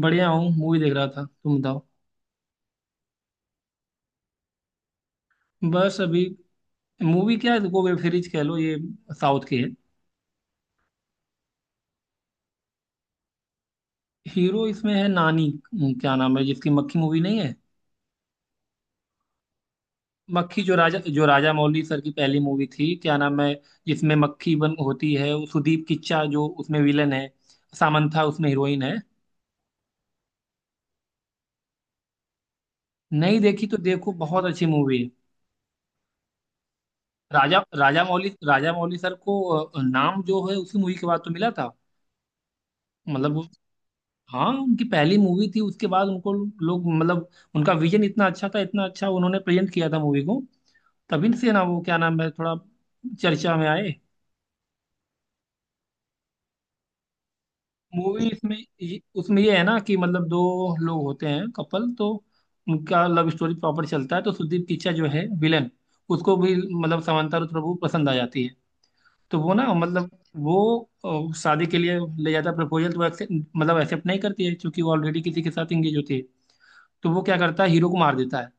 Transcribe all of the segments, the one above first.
बढ़िया हूँ। मूवी देख रहा था, तुम बताओ। बस अभी मूवी क्या है, देखो वेब सीरीज कह लो ये। साउथ की है। हीरो इसमें है नानी। क्या नाम है जिसकी मक्खी मूवी नहीं है। मक्खी जो राजा मौली सर की पहली मूवी थी, क्या नाम है जिसमें मक्खी बन होती है वो। सुदीप किच्चा जो उसमें विलन है, सामंथा उसमें हीरोइन है। नहीं देखी तो देखो, बहुत अच्छी मूवी है। राजा राजा मौली सर को नाम जो है उसी मूवी के बाद तो मिला था, मतलब। हाँ उनकी पहली मूवी थी, उसके बाद उनको लोग मतलब उनका विजन इतना अच्छा था, इतना अच्छा उन्होंने प्रेजेंट किया था मूवी को। तभी से ना वो क्या नाम है थोड़ा चर्चा में आए। मूवी इसमें उसमें ये है ना कि मतलब दो लोग होते हैं कपल तो, उनका लव स्टोरी प्रॉपर चलता है। तो सुदीप किच्चा जो है विलन, उसको भी मतलब समांथा प्रभु पसंद आ जाती है। तो वो ना मतलब वो शादी के लिए ले जाता है प्रपोजल। तो वो मतलब एक्सेप्ट नहीं करती है, क्योंकि वो ऑलरेडी किसी के साथ इंगेज होती है। तो वो क्या करता है, हीरो को मार देता है।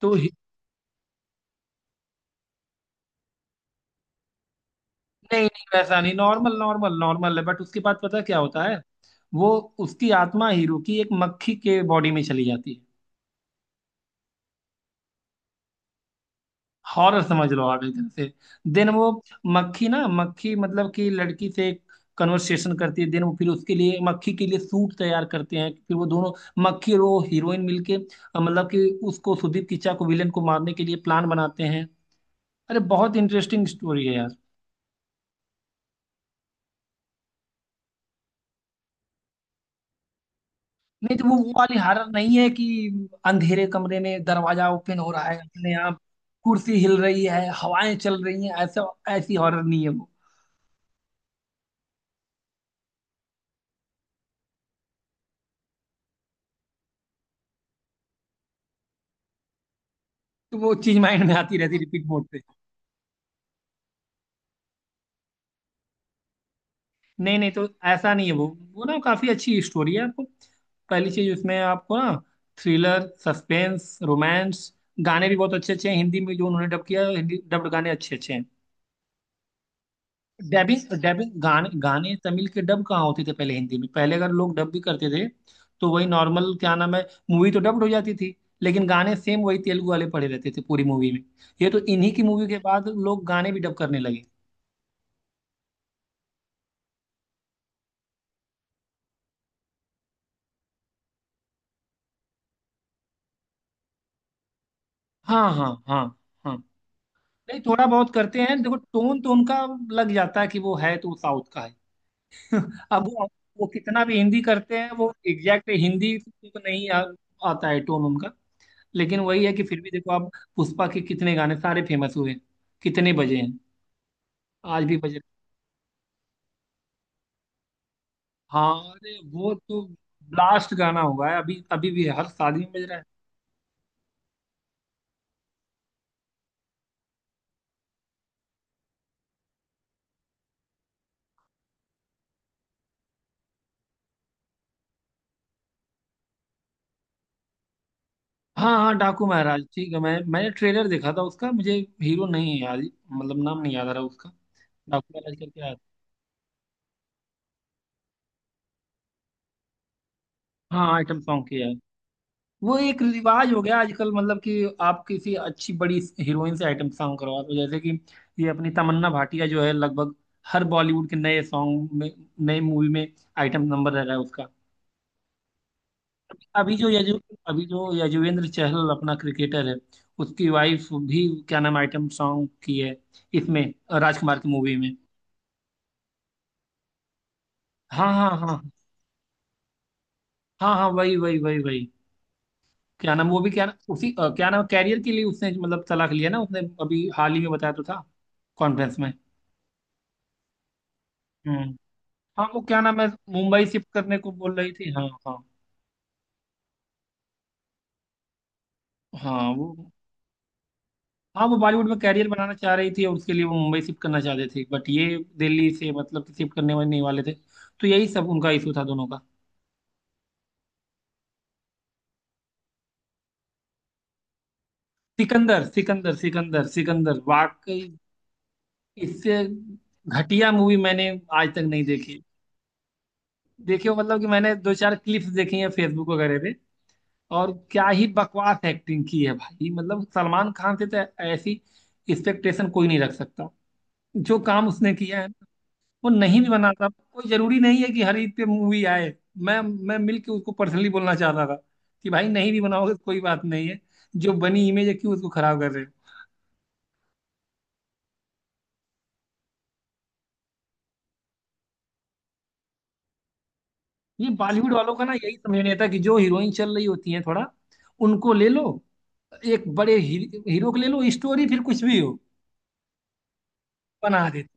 तो नहीं नहीं, वैसा नहीं, नॉर्मल नॉर्मल नॉर्मल है बट उसके बाद पता है क्या होता है। वो उसकी आत्मा हीरो की एक मक्खी के बॉडी में चली जाती है। हॉरर समझ लो आप एक तरह से। देन वो मक्खी ना, मक्खी मतलब कि लड़की से कन्वर्सेशन करती है। देन वो फिर उसके लिए, मक्खी के लिए सूट तैयार करते हैं, फिर वो दोनों मक्खी और वो हीरोइन मिलके मतलब कि उसको सुदीप किच्चा को, विलेन को मारने के लिए प्लान बनाते हैं। अरे बहुत इंटरेस्टिंग स्टोरी है यार। नहीं तो वो वाली हॉरर नहीं है कि अंधेरे कमरे में दरवाजा ओपन हो रहा है अपने आप, कुर्सी हिल रही है, हवाएं चल रही हैं, ऐसा। ऐसी हॉरर नहीं है वो। तो वो चीज माइंड में आती रहती रिपीट मोड पे। नहीं नहीं, तो ऐसा नहीं है वो। वो ना काफी अच्छी स्टोरी है आपको। पहली चीज उसमें आपको ना थ्रिलर, सस्पेंस, रोमांस, गाने भी बहुत अच्छे अच्छे हैं। हिंदी में जो उन्होंने डब किया है, हिंदी डब्ड गाने अच्छे अच्छे हैं। डबिंग डबिंग गाने गाने, तमिल के डब कहाँ होते थे पहले हिंदी में। पहले अगर लोग डब भी करते थे तो वही नॉर्मल क्या नाम है मूवी तो डब्ड हो जाती थी, लेकिन गाने सेम वही तेलुगु वाले पड़े रहते थे पूरी मूवी में। ये तो इन्हीं की मूवी के बाद लोग गाने भी डब करने लगे। हाँ हाँ हाँ हाँ। नहीं थोड़ा बहुत करते हैं, देखो टोन तो उनका लग जाता है कि वो है तो साउथ का है। अब वो कितना भी हिंदी करते हैं, वो एग्जैक्ट हिंदी तो नहीं आता है टोन उनका। लेकिन वही है कि फिर भी देखो आप, पुष्पा के कितने गाने सारे फेमस हुए, कितने बजे हैं, आज भी बजे। हाँ अरे वो तो लास्ट गाना हुआ है, अभी अभी भी हर शादी में बज रहा है। हाँ हाँ डाकू महाराज ठीक है, मैंने ट्रेलर देखा था उसका। मुझे हीरो नहीं है याद, मतलब नाम नहीं याद आ रहा उसका। डाकू महाराज करके आया था। हाँ आइटम सॉन्ग किया। वो एक रिवाज हो गया आजकल, मतलब कि आप किसी अच्छी बड़ी हीरोइन से आइटम सॉन्ग करवा दो, जैसे कि ये अपनी तमन्ना भाटिया जो है, लगभग हर बॉलीवुड के नए सॉन्ग में, नए मूवी में आइटम नंबर रह रहा है उसका। अभी जो यजु अभी जो यजुवेंद्र चहल अपना क्रिकेटर है, उसकी वाइफ भी क्या नाम आइटम सॉन्ग की है इसमें, राजकुमार की मूवी में। हाँ हाँ हाँ हाँ हाँ, वही वही वही वही। क्या नाम, वो भी क्या नाम उसी क्या नाम कैरियर के लिए उसने मतलब तलाक लिया ना, उसने अभी हाल ही में बताया तो था कॉन्फ्रेंस में। हम्म। हाँ वो क्या नाम है, मुंबई शिफ्ट करने को बोल रही थी, हाँ हाँ। हाँ वो, हाँ वो बॉलीवुड में कैरियर बनाना चाह रही थी और उसके लिए वो मुंबई शिफ्ट करना चाहते थे, बट ये दिल्ली से मतलब कि शिफ्ट करने वाले नहीं वाले थे। तो यही सब उनका इशू था दोनों का। सिकंदर सिकंदर सिकंदर सिकंदर, वाकई इससे घटिया मूवी मैंने आज तक नहीं देखी। देखियो, मतलब कि मैंने दो चार क्लिप्स देखी हैं फेसबुक वगैरह पे, और क्या ही बकवास एक्टिंग की है भाई। मतलब सलमान खान से तो ऐसी एक्सपेक्टेशन कोई नहीं रख सकता, जो काम उसने किया है। वो नहीं भी बना था, कोई जरूरी नहीं है कि हर ईद पे मूवी आए। मैं मिल के उसको पर्सनली बोलना चाहता था कि भाई नहीं भी बनाओगे तो कोई बात नहीं है, जो बनी इमेज है क्यों उसको खराब कर रहे हो। ये बॉलीवुड वालों का ना यही समझ नहीं आता कि जो हीरोइन चल रही होती है थोड़ा, उनको ले लो, एक बड़े ही, हीरो को ले लो, स्टोरी फिर कुछ भी हो बना देते।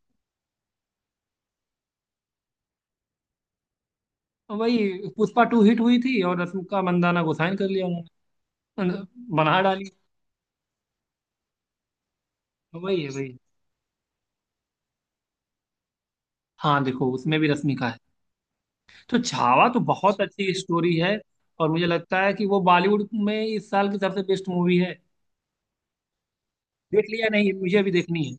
वही पुष्पा 2 हिट हुई थी और रश्मिका मंदाना को साइन कर लिया उन्होंने, बना डाली। वही है वही। हाँ देखो, उसमें भी रश्मिका है। तो छावा तो बहुत अच्छी स्टोरी है और मुझे लगता है कि वो बॉलीवुड में इस साल की सबसे बेस्ट मूवी है। देख लिया नहीं, मुझे अभी देखनी है।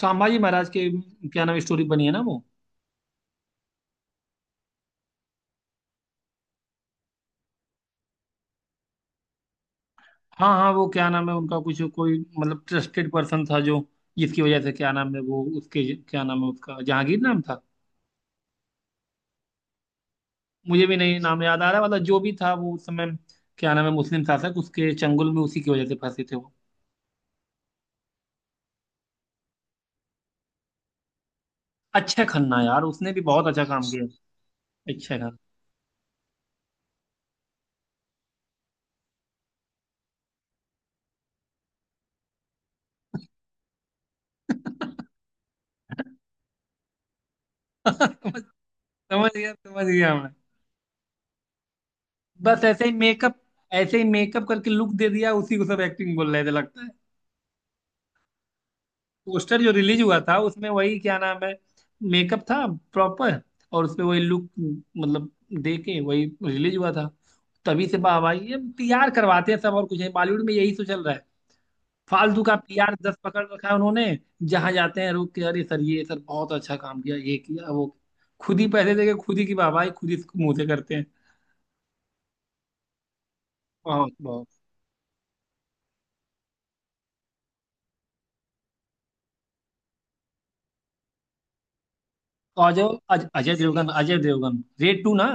संभाजी महाराज के क्या नाम स्टोरी बनी है ना वो। हाँ हाँ, वो क्या नाम है उनका कुछ कोई मतलब ट्रस्टेड पर्सन था, जो जिसकी वजह से क्या नाम है वो उसके, क्या नाम है उसका, जहांगीर नाम था। मुझे भी नहीं नाम याद आ रहा, मतलब जो भी था वो उस समय क्या नाम है मुस्लिम शासक, उसके चंगुल में उसी की वजह से फंसे थे वो। अक्षय खन्ना, यार उसने भी बहुत अच्छा काम किया। अक्षय खन्ना। समझ गया मैं। बस ऐसे ही मेकअप, ऐसे ही मेकअप करके लुक दे दिया, उसी को सब एक्टिंग बोल रहे थे लगता है। पोस्टर जो रिलीज हुआ था उसमें वही क्या नाम है मेकअप था प्रॉपर, और उसमें वही लुक मतलब दे के वही रिलीज हुआ था। तभी से वाह भाई, ये पीआर करवाते हैं सब, और कुछ है बॉलीवुड में यही तो चल रहा है। फालतू का पीआर दस पकड़ रखा है उन्होंने। जहां जाते हैं रोक के, अरे सर ये सर बहुत अच्छा काम किया, ये किया, वो किया।" खुद ही पैसे देके खुद ही की वाह भाई, खुद ही इसको मुंह से करते हैं। बहुत बहुत। और जो अजय देवगन, अजय देवगन रेड 2 ना।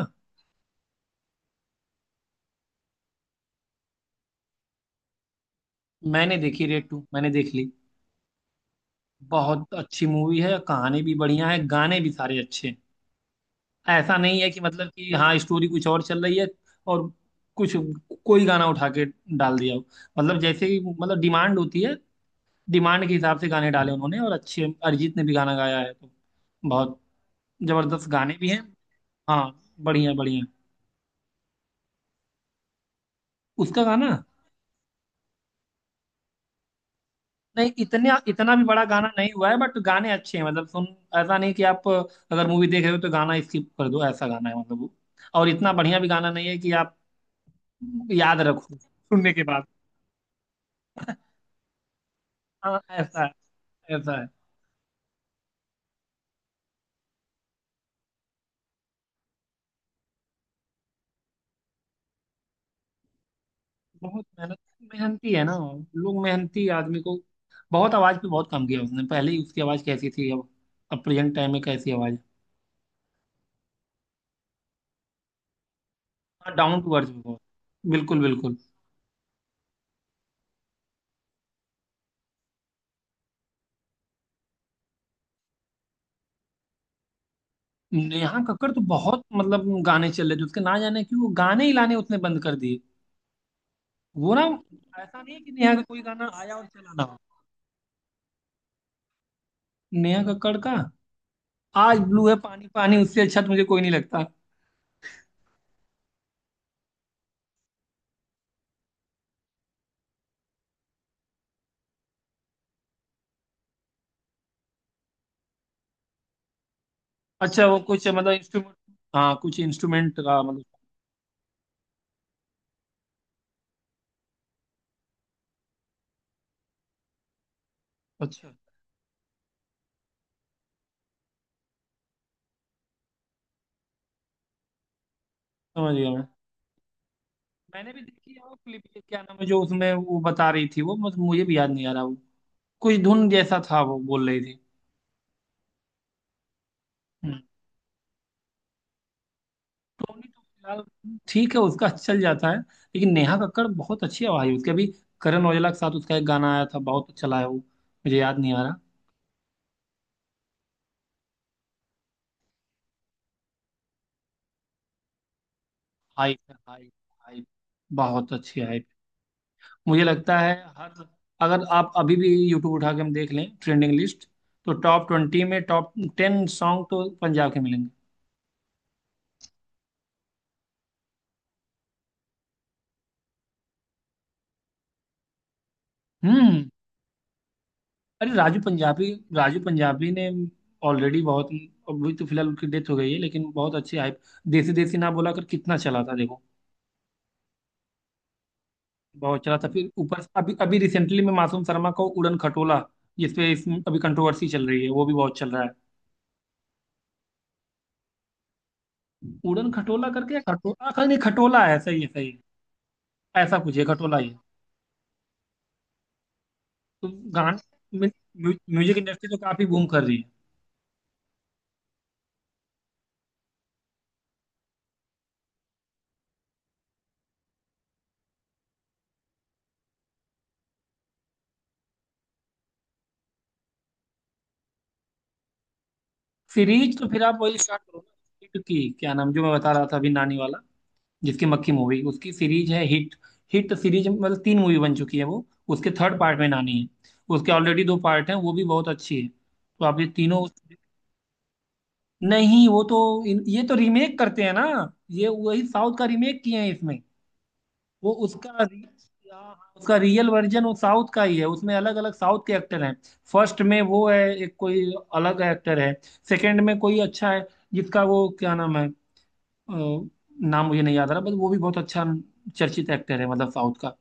मैंने देखी रेड 2, मैंने देख ली। बहुत अच्छी मूवी है, कहानी भी बढ़िया है, गाने भी सारे अच्छे हैं। ऐसा नहीं है कि मतलब कि हाँ स्टोरी कुछ और चल रही है और कुछ, कोई गाना उठा के डाल दिया हो। मतलब जैसे ही, मतलब डिमांड होती है डिमांड के हिसाब से गाने डाले उन्होंने, और अच्छे अरिजीत ने भी गाना गाया है, तो बहुत जबरदस्त गाने भी हैं। हाँ बढ़िया बढ़िया। उसका गाना। नहीं इतने इतना भी बड़ा गाना नहीं हुआ है बट गाने अच्छे हैं, मतलब सुन। ऐसा नहीं कि आप अगर मूवी देख रहे हो तो गाना स्किप कर दो, ऐसा गाना है मतलब वो, और इतना बढ़िया भी गाना नहीं है कि आप याद रखो सुनने के बाद। हाँ ऐसा है, ऐसा है। बहुत मेहनती है ना। लोग मेहनती आदमी को, बहुत आवाज पे बहुत कम किया उसने पहले ही, उसकी आवाज कैसी थी अब, प्रेजेंट टाइम में कैसी आवाज। है डाउन टू अर्थ बहुत, बिल्कुल बिल्कुल। नेहा कक्कड़ तो बहुत मतलब गाने चल रहे थे उसके, ना जाने क्यों वो गाने ही लाने उसने बंद कर दिए, वो ना। ऐसा नहीं है कि नेहा का कोई गाना आया और चला ना हो। नेहा कक्कड़ का आज ब्लू है पानी पानी, उससे अच्छा तो मुझे कोई नहीं लगता। अच्छा वो कुछ मतलब इंस्ट्रूमेंट, हाँ कुछ इंस्ट्रूमेंट का मतलब। अच्छा, समझ गया मैं। मैंने भी देखी है वो क्लिप। क्या नाम है जो उसमें वो बता रही थी वो, मतलब मुझे भी याद नहीं आ रहा वो, कुछ धुन जैसा था वो बोल रही थी। हम्म। टोनी तो फिलहाल ठीक है, उसका चल जाता है, लेकिन नेहा कक्कड़ बहुत अच्छी आवाज है उसके। अभी करण औजला के साथ उसका एक गाना आया था बहुत चला है, वो मुझे याद नहीं आ रहा। हाइप है हाइप, हाइप, बहुत अच्छी हाइप। मुझे लगता है हर, अगर आप अभी भी यूट्यूब उठा के हम देख लें ट्रेंडिंग लिस्ट तो टॉप 20 में टॉप 10 सॉन्ग तो पंजाब के मिलेंगे। हम्म। अरे राजू पंजाबी, राजू पंजाबी ने ऑलरेडी बहुत, अभी तो फिलहाल उनकी डेथ हो गई है लेकिन बहुत अच्छी हाइप। देसी देसी ना बोला कर, कितना चला था देखो। बहुत चला था, फिर ऊपर से अभी अभी रिसेंटली में मासूम शर्मा को उड़न खटोला, जिसपे अभी कंट्रोवर्सी चल रही है, वो भी बहुत चल रहा है। उड़न खटोला करके खटोला, हाँ नहीं खटोला है, सही है सही। है ऐसा कुछ है, खटोला ही है। तो गान म्यू- म्यू- म्यूजिक इंडस्ट्री तो काफी बूम कर रही है। सीरीज तो फिर आप वही स्टार्ट करो ना। हिट की, क्या नाम जो मैं बता रहा था अभी नानी वाला, जिसकी मक्खी मूवी, उसकी सीरीज है हिट। हिट सीरीज मतलब 3 मूवी बन चुकी है वो, उसके थर्ड पार्ट में नानी है। उसके ऑलरेडी 2 पार्ट हैं, वो भी बहुत अच्छी है, तो आप ये तीनों। नहीं वो तो ये तो रीमेक करते हैं ना, ये वही साउथ का रीमेक किए हैं इसमें। वो उसका उसका रियल वर्जन वो साउथ का ही है। उसमें अलग अलग साउथ के एक्टर हैं। फर्स्ट में वो है एक कोई अलग एक्टर है, सेकंड में कोई अच्छा है जिसका वो क्या नाम है नाम मुझे नहीं याद आ रहा, बट वो भी बहुत अच्छा चर्चित एक्टर है मतलब, साउथ का।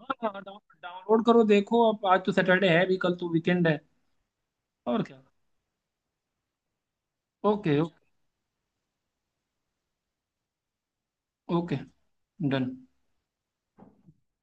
हाँ हाँ डाउनलोड करो देखो, अब आज तो सैटरडे है भी, कल तो वीकेंड है। और क्या। ओके। Okay done.